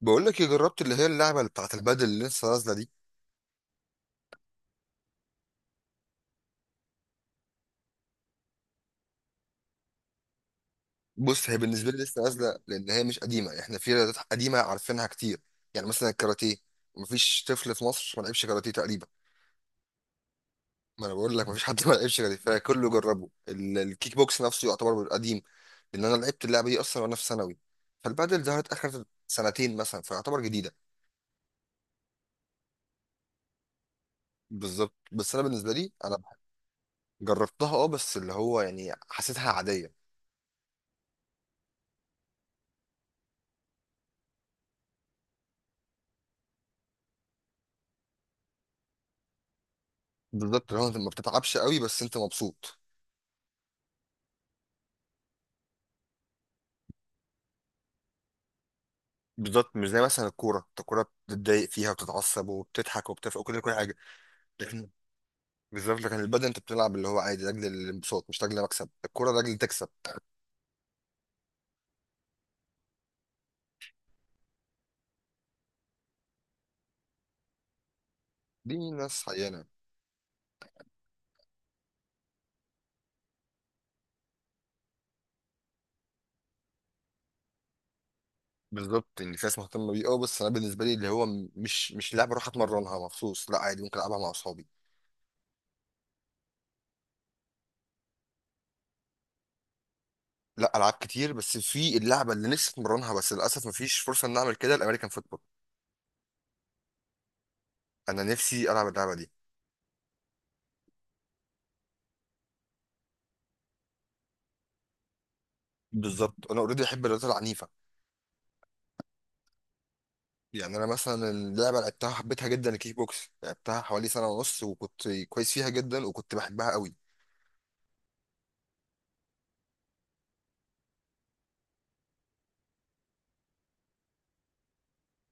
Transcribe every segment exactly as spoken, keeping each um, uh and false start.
بقول لك إيه، جربت اللي هي اللعبه اللي بتاعت البادل اللي لسه نازله دي. بص، هي بالنسبه لي لسه نازله لان هي مش قديمه. احنا في رياضات قديمه عارفينها كتير. يعني مثلا الكاراتيه، مفيش طفل في مصر ما لعبش كاراتيه تقريبا. ما انا بقول لك مفيش حد ما لعبش كاراتيه، فكله جربه. ال- الكيك بوكس نفسه يعتبر قديم، لان انا لعبت اللعبه دي اصلا وانا في ثانوي. فالبادل ظهرت اخر سنتين مثلا، فيعتبر جديده. بالظبط، بس انا بالنسبه لي انا جربتها، اه، بس اللي هو يعني حسيتها عاديه. بالظبط، اللي هو انت ما بتتعبش قوي بس انت مبسوط. بالظبط، مش زي مثلا الكوره. انت الكوره بتتضايق فيها وبتتعصب وبتضحك وبتفرق وكل كل حاجه. لكن، بالظبط، لكن البدن انت بتلعب اللي هو عادي لاجل الانبساط، مش لاجل مكسب الكوره لاجل تكسب. دي ناس عيانه. بالظبط، ان في ناس مهتمه بيه، اه، بس انا بالنسبه لي اللي هو م- مش مش لعبه اروح اتمرنها مخصوص، لا عادي ممكن العبها مع اصحابي. لا، العاب كتير، بس في اللعبه اللي نفسي اتمرنها بس للاسف مفيش فرصه ان اعمل كده، الامريكان فوتبول. انا نفسي العب اللعبه دي. بالظبط، انا اوريدي احب الرياضات العنيفه. يعني انا مثلا اللعبه اللي لعبتها حبيتها جدا، الكيك بوكس، لعبتها حوالي سنه ونص وكنت كويس فيها جدا وكنت بحبها قوي.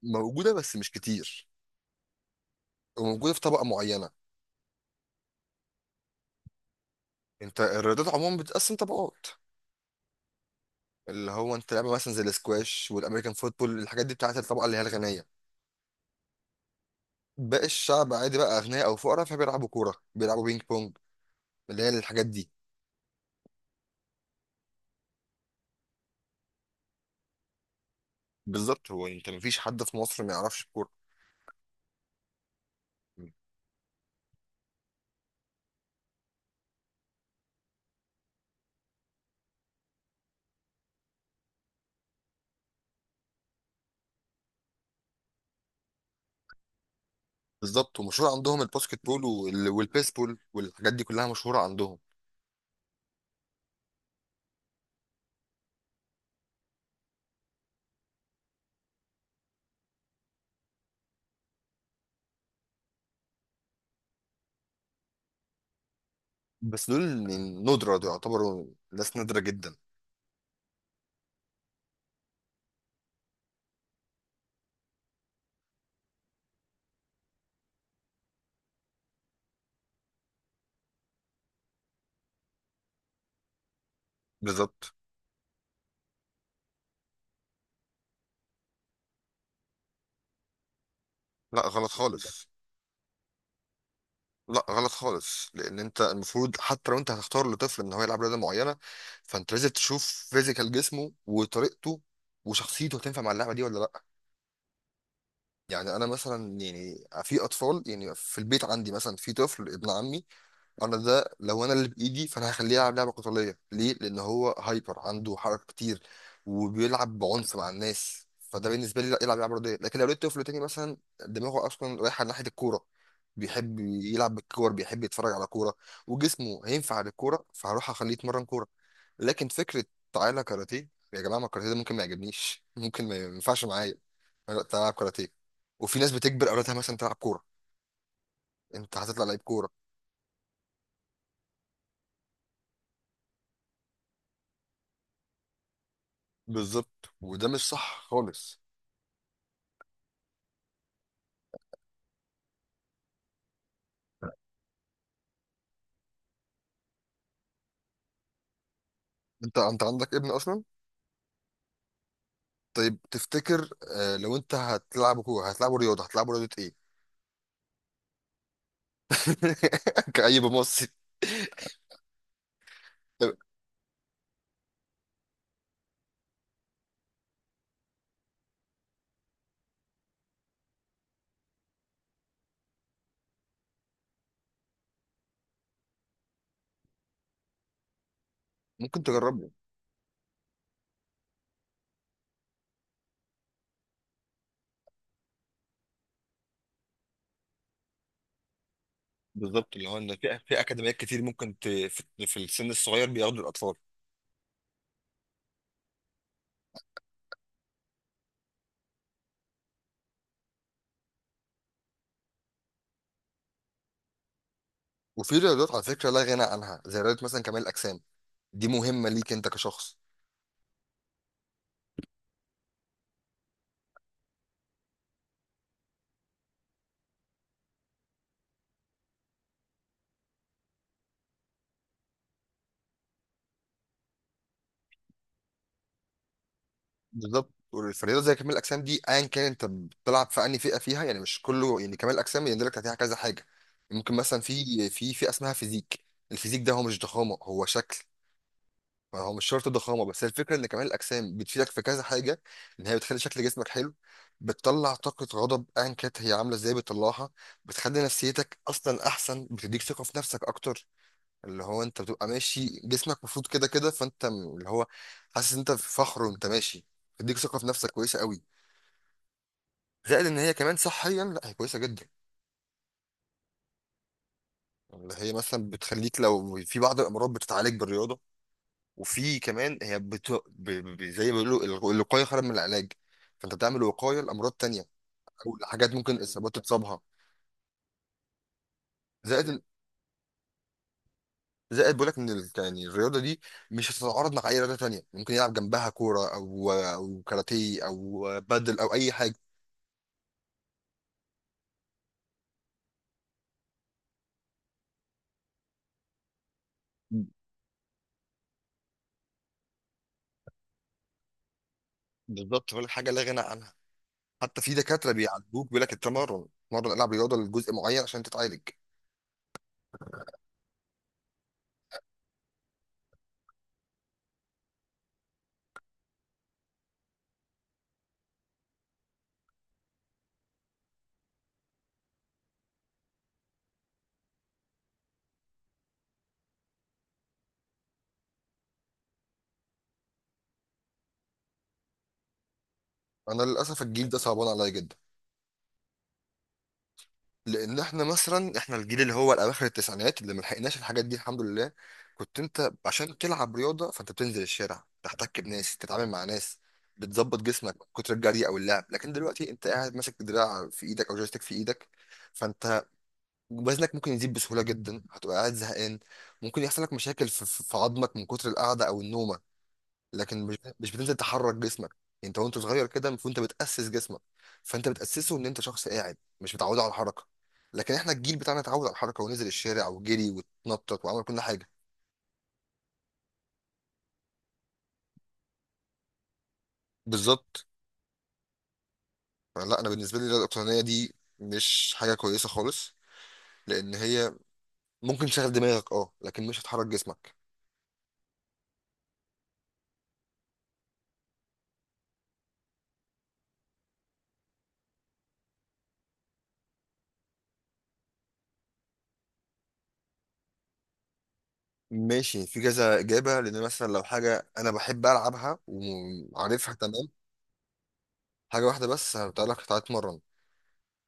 موجوده بس مش كتير. وموجوده في طبقه معينه. انت الرياضات عموما بتتقسم طبقات. اللي هو انت لعبه مثلا زي الاسكواش والامريكان فوتبول، الحاجات دي بتاعت الطبقه اللي هي الغنيه. باقي الشعب عادي بقى، اغنياء او فقراء، فبيلعبوا كوره، بيلعبوا بينج بونج، اللي هي الحاجات دي. بالظبط، هو انت مفيش حد في مصر ما يعرفش الكوره. بالظبط، ومشهور عندهم الباسكت بول وال- والبيسبول والحاجات دي كلها مشهوره عندهم. بس دول ندرة، دول يعتبروا ناس نادرة جدا. بالظبط. لا غلط خالص. لا غلط خالص، لان انت المفروض حتى لو انت هتختار لطفل ان هو يلعب رياضة معينة، فانت لازم تشوف فيزيكال جسمه وطريقته وشخصيته هتنفع مع اللعبة دي ولا لا. يعني انا مثلا، يعني في اطفال، يعني في البيت عندي مثلا في طفل ابن عمي، انا ده لو انا اللي بايدي فانا هخليه يلعب لعبه قتاليه. ليه؟ لان هو هايبر عنده حركه كتير وبيلعب بعنف مع الناس، فده بالنسبه لي لا، يلعب لعبه رياضيه. لكن لو لقيت طفل تاني مثلا دماغه اصلا رايحه ناحيه الكوره، بيحب يلعب بالكور، بيحب يتفرج على كوره، وجسمه هينفع للكوره، فهروح اخليه يتمرن كوره. لكن فكره تعالى كاراتيه يا جماعه، ما الكاراتيه ده ممكن ما يعجبنيش، ممكن ما ينفعش معايا. أنا لا، تلعب كاراتيه. وفي ناس بتجبر اولادها مثلا تلعب كوره، انت هتطلع لعيب كوره. بالظبط، وده مش صح خالص. انت انت عندك ابن اصلا؟ طيب تفتكر، آه، لو انت هتلعبه كوره هتلعبه رياضه هتلعبه رياضه ايه؟ كأي مصري. طب ممكن تجربه. بالظبط، اللي هو ان في في اكاديميات كتير، ممكن ت... في في السن الصغير بياخدوا الاطفال. وفي رياضات على فكره لا غنى عنها، زي رياضه مثلا كمال الاجسام، دي مهمه ليك انت كشخص. بالظبط، فالرياضه زي كمال الاجسام دي ايا كان انت بتلعب في انهي فئه فيها، يعني مش كله، يعني كمال الاجسام يندرج تحتها كذا حاجه. ممكن مثلا في في فئه اسمها فيزيك. الفيزيك ده هو مش ضخامه، هو شكل. ما هو مش شرط ضخامه، بس هي الفكره ان كمال الاجسام بتفيدك في كذا حاجه. ان هي بتخلي شكل جسمك حلو، بتطلع طاقه غضب ايا كانت هي عامله ازاي بتطلعها، بتخلي نفسيتك اصلا احسن، بتديك ثقه في نفسك اكتر. اللي هو انت بتبقى ماشي جسمك مفروض كده كده، فانت م- اللي هو حاسس ان انت في فخر وانت ماشي، بتديك ثقه في نفسك كويسه قوي. زائد ان هي كمان صحيا لا هي كويسه جدا. اللي هي مثلا بتخليك لو في بعض الامراض بتتعالج بالرياضه. وفي كمان هي بت... ب... ب... زي ما بيقولوا الغ- الوقايه خير من العلاج. فانت بتعمل وقايه لامراض تانية، او لحاجات ممكن اصابات تتصابها. زائد ال- زائد بقول لك ان ال... يعني الرياضه دي مش هتتعارض مع اي رياضه تانية، ممكن يلعب جنبها كوره او او كاراتيه او بادل او اي حاجه. بالظبط، بقول لك حاجه لا غنى عنها. حتى في دكاتره بيعالجوك بيقول لك التمرن، اتمرن العب رياضه لجزء معين عشان تتعالج. انا للاسف الجيل ده صعبان عليا جدا، لان احنا مثلا احنا الجيل اللي هو اواخر التسعينات، اللي ملحقناش الحاجات دي الحمد لله. كنت انت عشان تلعب رياضه فانت بتنزل الشارع تحتك بناس، تتعامل مع ناس، بتظبط جسمك من كتر الجري او اللعب. لكن دلوقتي انت قاعد ماسك دراع في ايدك او جويستيك في ايدك، فانت وزنك ممكن يزيد بسهوله جدا، هتبقى قاعد زهقان، ممكن يحصل لك مشاكل في في- في عظمك من كتر القعده او النومه. لكن مش مش بتنزل تحرك جسمك يعني. انت وانت صغير كده المفروض انت بتاسس جسمك، فانت بتاسسه ان انت شخص قاعد مش متعود على الحركه. لكن احنا الجيل بتاعنا اتعود على الحركه ونزل الشارع وجري واتنطط وعمل كل حاجه. بالظبط. فلا، انا بالنسبه لي الاقتصاديه دي مش حاجه كويسه خالص، لان هي ممكن تشغل دماغك، اه، لكن مش هتحرك جسمك. ماشي، في كذا اجابه، لان مثلا لو حاجه انا بحب العبها وعارفها تمام، حاجه واحده بس هتقول لك تعالى اتمرن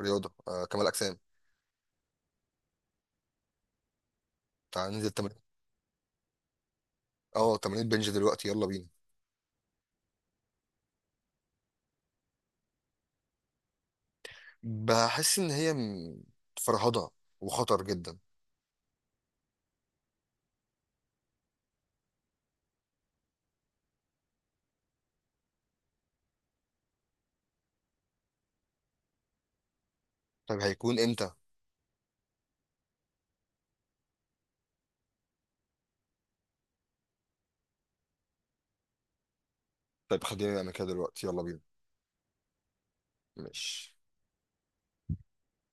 رياضه، آه كمال اجسام. تعالى ننزل تمرين. اه، تمرين بنج دلوقتي، يلا بينا. بحس ان هي م- فرهضه وخطر جدا. طيب هيكون امتى؟ طيب خلينا نعمل كده دلوقتي، يلا بينا. ماشي.